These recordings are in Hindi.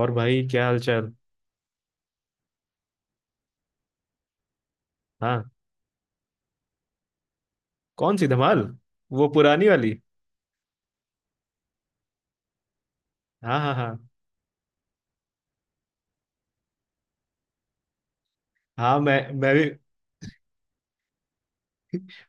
और भाई क्या हाल चाल। हाँ। कौन सी धमाल। वो पुरानी वाली। हाँ हाँ हाँ। हाँ मैं भी।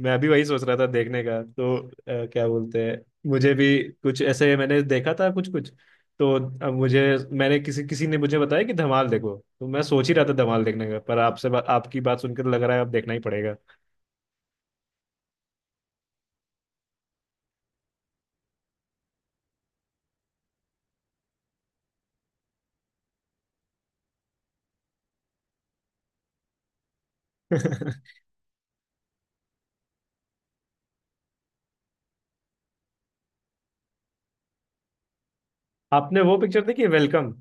मैं भी वही सोच रहा था देखने का क्या बोलते हैं। मुझे भी कुछ ऐसे मैंने देखा था कुछ कुछ। तो अब मुझे मैंने किसी किसी ने मुझे बताया कि धमाल देखो, तो मैं सोच ही रहा था धमाल देखने का, पर आपकी बात सुनकर तो लग रहा है अब देखना ही पड़ेगा। आपने वो पिक्चर देखी है, वेलकम।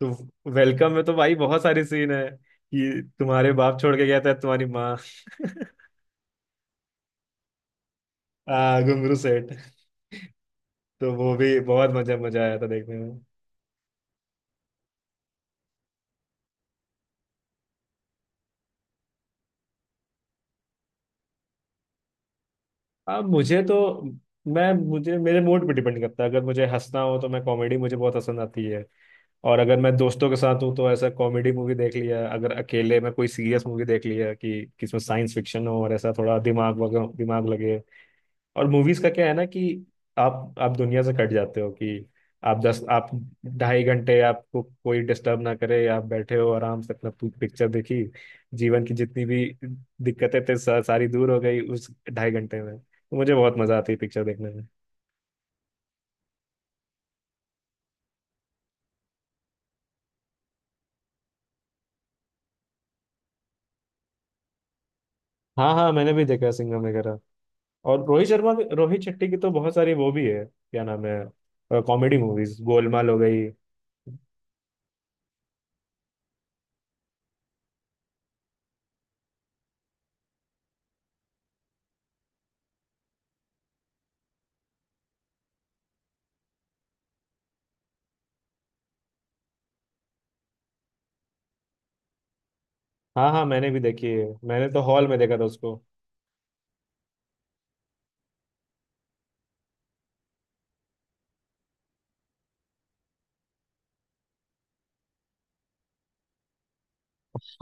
तो वेलकम में तो भाई बहुत सारी सीन है कि तुम्हारे बाप छोड़ के गया था तुम्हारी माँ। घुंगरू सेठ। तो वो भी बहुत मजा मजा आया था देखने में। अब मुझे तो मैं मुझे मेरे मूड पे डिपेंड करता है। अगर मुझे हंसना हो तो मैं कॉमेडी, मुझे बहुत पसंद आती है। और अगर मैं दोस्तों के साथ हूँ तो ऐसा कॉमेडी मूवी देख लिया, अगर अकेले मैं कोई सीरियस मूवी देख लिया कि किसमें साइंस फिक्शन हो और ऐसा थोड़ा दिमाग वगैरह दिमाग लगे। और मूवीज का क्या है ना कि आप दुनिया से कट जाते हो कि आप 2.5 घंटे आपको कोई डिस्टर्ब ना करे, आप बैठे हो आराम से अपना पिक्चर देखी। जीवन की जितनी भी दिक्कतें थे सारी दूर हो गई उस 2.5 घंटे में, तो मुझे बहुत मजा आती है पिक्चर देखने में। हाँ हाँ, मैंने भी देखा है सिंघम वगैरह, और रोहित शर्मा रोहित शेट्टी की तो बहुत सारी वो भी है, क्या नाम है, कॉमेडी मूवीज गोलमाल हो गई। हाँ हाँ, मैंने भी देखी है, मैंने तो हॉल में देखा था उसको।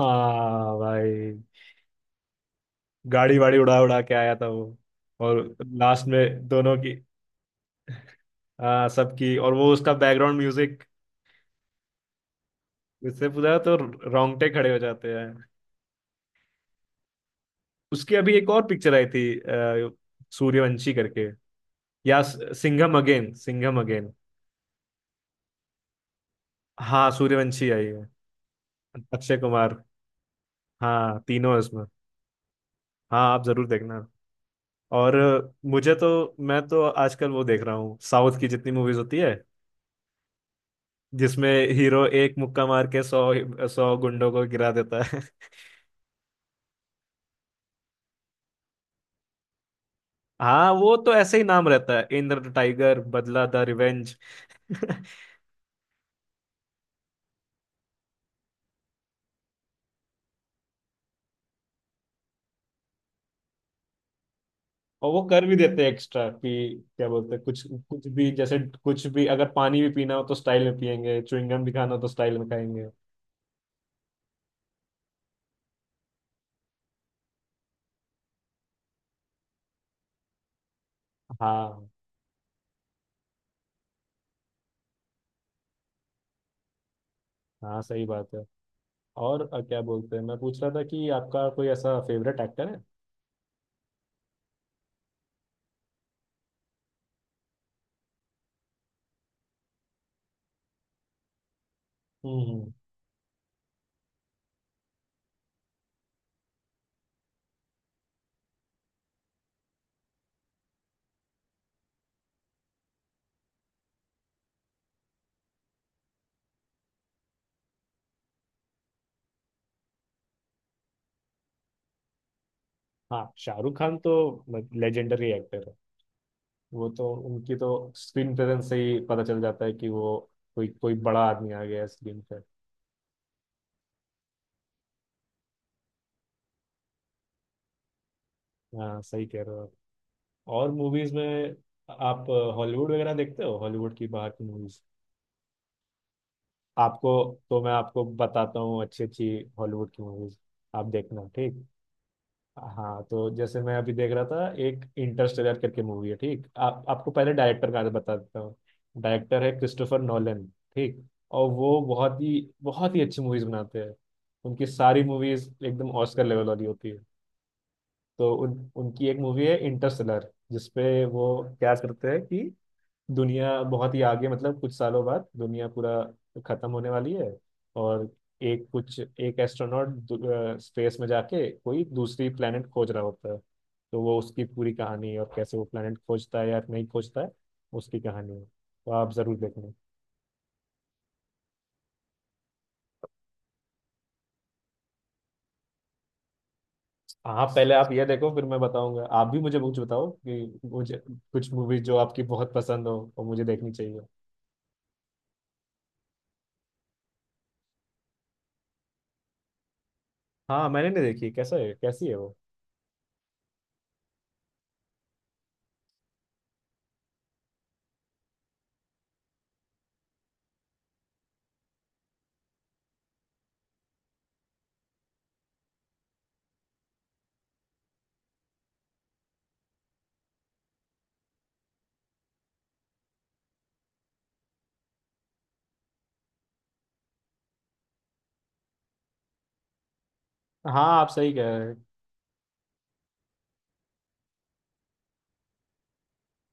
हाँ भाई, गाड़ी वाड़ी उड़ा उड़ा के आया था वो। और लास्ट में दोनों की, हाँ सबकी, और वो उसका बैकग्राउंड म्यूजिक। इससे पूछा तो रोंगटे खड़े हो जाते हैं। उसकी अभी एक और पिक्चर आई थी सूर्यवंशी करके, या सिंघम अगेन, सिंघम अगेन। हाँ सूर्यवंशी आई है। अक्षय कुमार, हाँ तीनों है इसमें। हाँ आप जरूर देखना। और मुझे तो मैं तो आजकल वो देख रहा हूँ, साउथ की जितनी मूवीज होती है जिसमें हीरो एक मुक्का मार के सौ सौ गुंडों को गिरा देता है। हाँ वो तो ऐसे ही नाम रहता है, Indra the tiger, Badla the revenge. और वो कर भी देते हैं एक्स्ट्रा कि क्या बोलते हैं, कुछ कुछ भी, जैसे कुछ भी अगर पानी भी पीना हो तो स्टाइल में पियेंगे, च्युइंगम भी खाना हो तो स्टाइल में खाएंगे। हाँ हाँ, सही बात है। और क्या बोलते हैं, मैं पूछ रहा था कि आपका कोई ऐसा फेवरेट एक्टर है। हम्म। हाँ शाहरुख खान तो लेजेंडरी एक्टर है। वो तो उनकी तो स्क्रीन प्रेजेंस से ही पता चल जाता है कि वो कोई कोई बड़ा आदमी आ गया है स्क्रीन पे। हाँ सही कह रहे हो आप। और मूवीज में आप हॉलीवुड वगैरह देखते हो, हॉलीवुड की बाहर की मूवीज। आपको तो मैं आपको बताता हूँ, अच्छी अच्छी हॉलीवुड की मूवीज आप देखना, ठीक। हाँ तो जैसे मैं अभी देख रहा था, एक इंटरस्टेलर करके मूवी है, ठीक। आप आपको पहले डायरेक्टर का बता देता हूँ। डायरेक्टर है क्रिस्टोफर नोलन, ठीक। और वो बहुत ही अच्छी मूवीज बनाते हैं, उनकी सारी मूवीज एकदम ऑस्कर लेवल वाली होती है। तो उन उनकी एक मूवी है इंटरस्टेलर, जिसपे वो क्या करते हैं कि दुनिया बहुत ही आगे, मतलब कुछ सालों बाद दुनिया पूरा खत्म होने वाली है, और एक कुछ एक एस्ट्रोनॉट स्पेस में जाके कोई दूसरी प्लेनेट खोज रहा होता है, तो वो उसकी पूरी कहानी है और कैसे वो प्लेनेट खोजता है या नहीं खोजता है, उसकी कहानी है, तो आप जरूर देखना। हाँ पहले आप ये देखो, फिर मैं बताऊंगा। आप भी मुझे कुछ बताओ कि मुझे कुछ मूवीज जो आपकी बहुत पसंद हो और मुझे देखनी चाहिए। हाँ मैंने नहीं देखी, कैसा है, कैसी है वो। हाँ आप सही कह रहे हैं।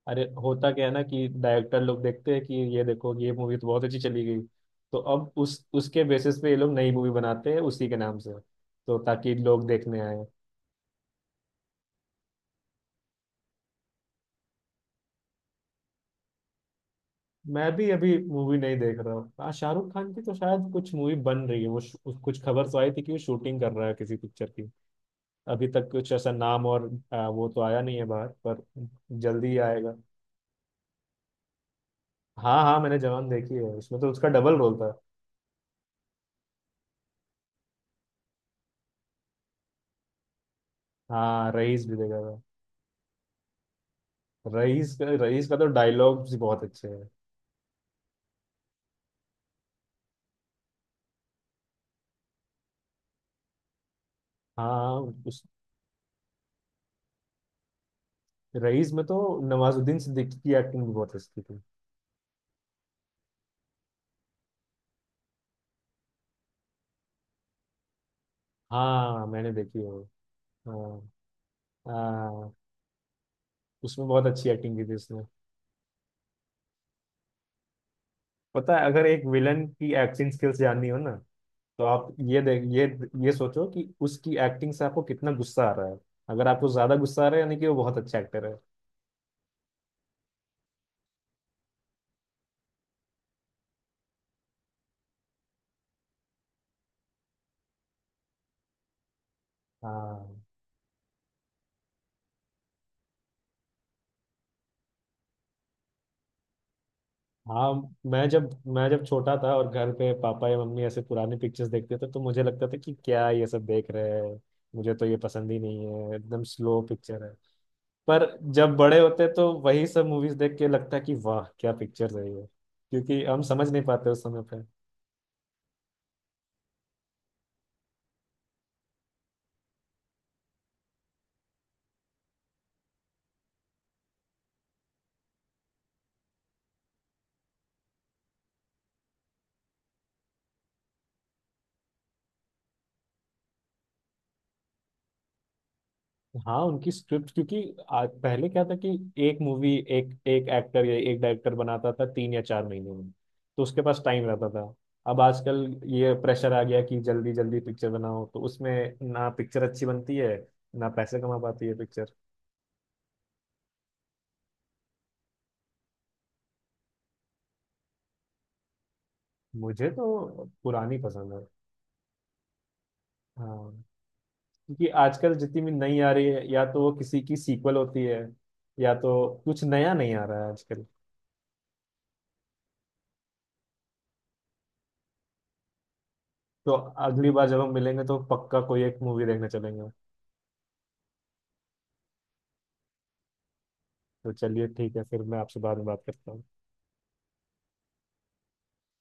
अरे होता क्या है ना कि डायरेक्टर लोग देखते हैं कि ये देखो ये मूवी तो बहुत अच्छी चली गई, तो अब उस उसके बेसिस पे ये लोग नई मूवी बनाते हैं उसी के नाम से, तो ताकि लोग देखने आए। मैं भी अभी मूवी नहीं देख रहा हूँ। हाँ शाहरुख खान की तो शायद कुछ मूवी बन रही है, वो कुछ खबर तो आई थी कि वो शूटिंग कर रहा है किसी पिक्चर की। अभी तक कुछ ऐसा नाम और वो तो आया नहीं है बाहर पर। जल्दी ही आएगा। हाँ हाँ, मैंने जवान देखी है, उसमें तो उसका डबल रोल था। हाँ रईस भी देखा था। रईस का तो डायलॉग्स भी बहुत अच्छे हैं। हाँ उस रईस में तो नवाजुद्दीन सिद्दीकी की एक्टिंग भी बहुत अच्छी थी। हाँ मैंने देखी है वो। हाँ हाँ, उसमें बहुत अच्छी एक्टिंग की थी उसने। पता है, अगर एक विलन की एक्टिंग स्किल्स जाननी हो ना, तो आप ये ये सोचो कि उसकी एक्टिंग से आपको कितना गुस्सा आ रहा है। अगर आपको ज्यादा गुस्सा आ रहा है यानी कि वो बहुत अच्छा एक्टर है। हाँ हाँ, मैं जब छोटा था और घर पे पापा या मम्मी ऐसे पुराने पिक्चर्स देखते थे तो मुझे लगता था कि क्या ये सब देख रहे हैं, मुझे तो ये पसंद ही नहीं है, एकदम स्लो पिक्चर है। पर जब बड़े होते तो वही सब मूवीज देख के लगता है कि वाह क्या पिक्चर है ये, क्योंकि हम समझ नहीं पाते उस समय पे। हाँ उनकी स्क्रिप्ट, क्योंकि आज पहले क्या था कि एक मूवी एक एक एक्टर या एक डायरेक्टर बनाता था 3 या 4 महीने में, तो उसके पास टाइम रहता था। अब आजकल ये प्रेशर आ गया कि जल्दी जल्दी पिक्चर बनाओ, तो उसमें ना पिक्चर अच्छी बनती है, ना पैसे कमा पाती है पिक्चर। मुझे तो पुरानी पसंद है। हाँ क्योंकि आजकल जितनी भी नई आ रही है या तो वो किसी की सीक्वल होती है, या तो कुछ नया नहीं आ रहा है आजकल। तो अगली बार जब हम मिलेंगे तो पक्का कोई एक मूवी देखने चलेंगे। तो चलिए ठीक है, फिर मैं आपसे बाद में बात करता हूँ।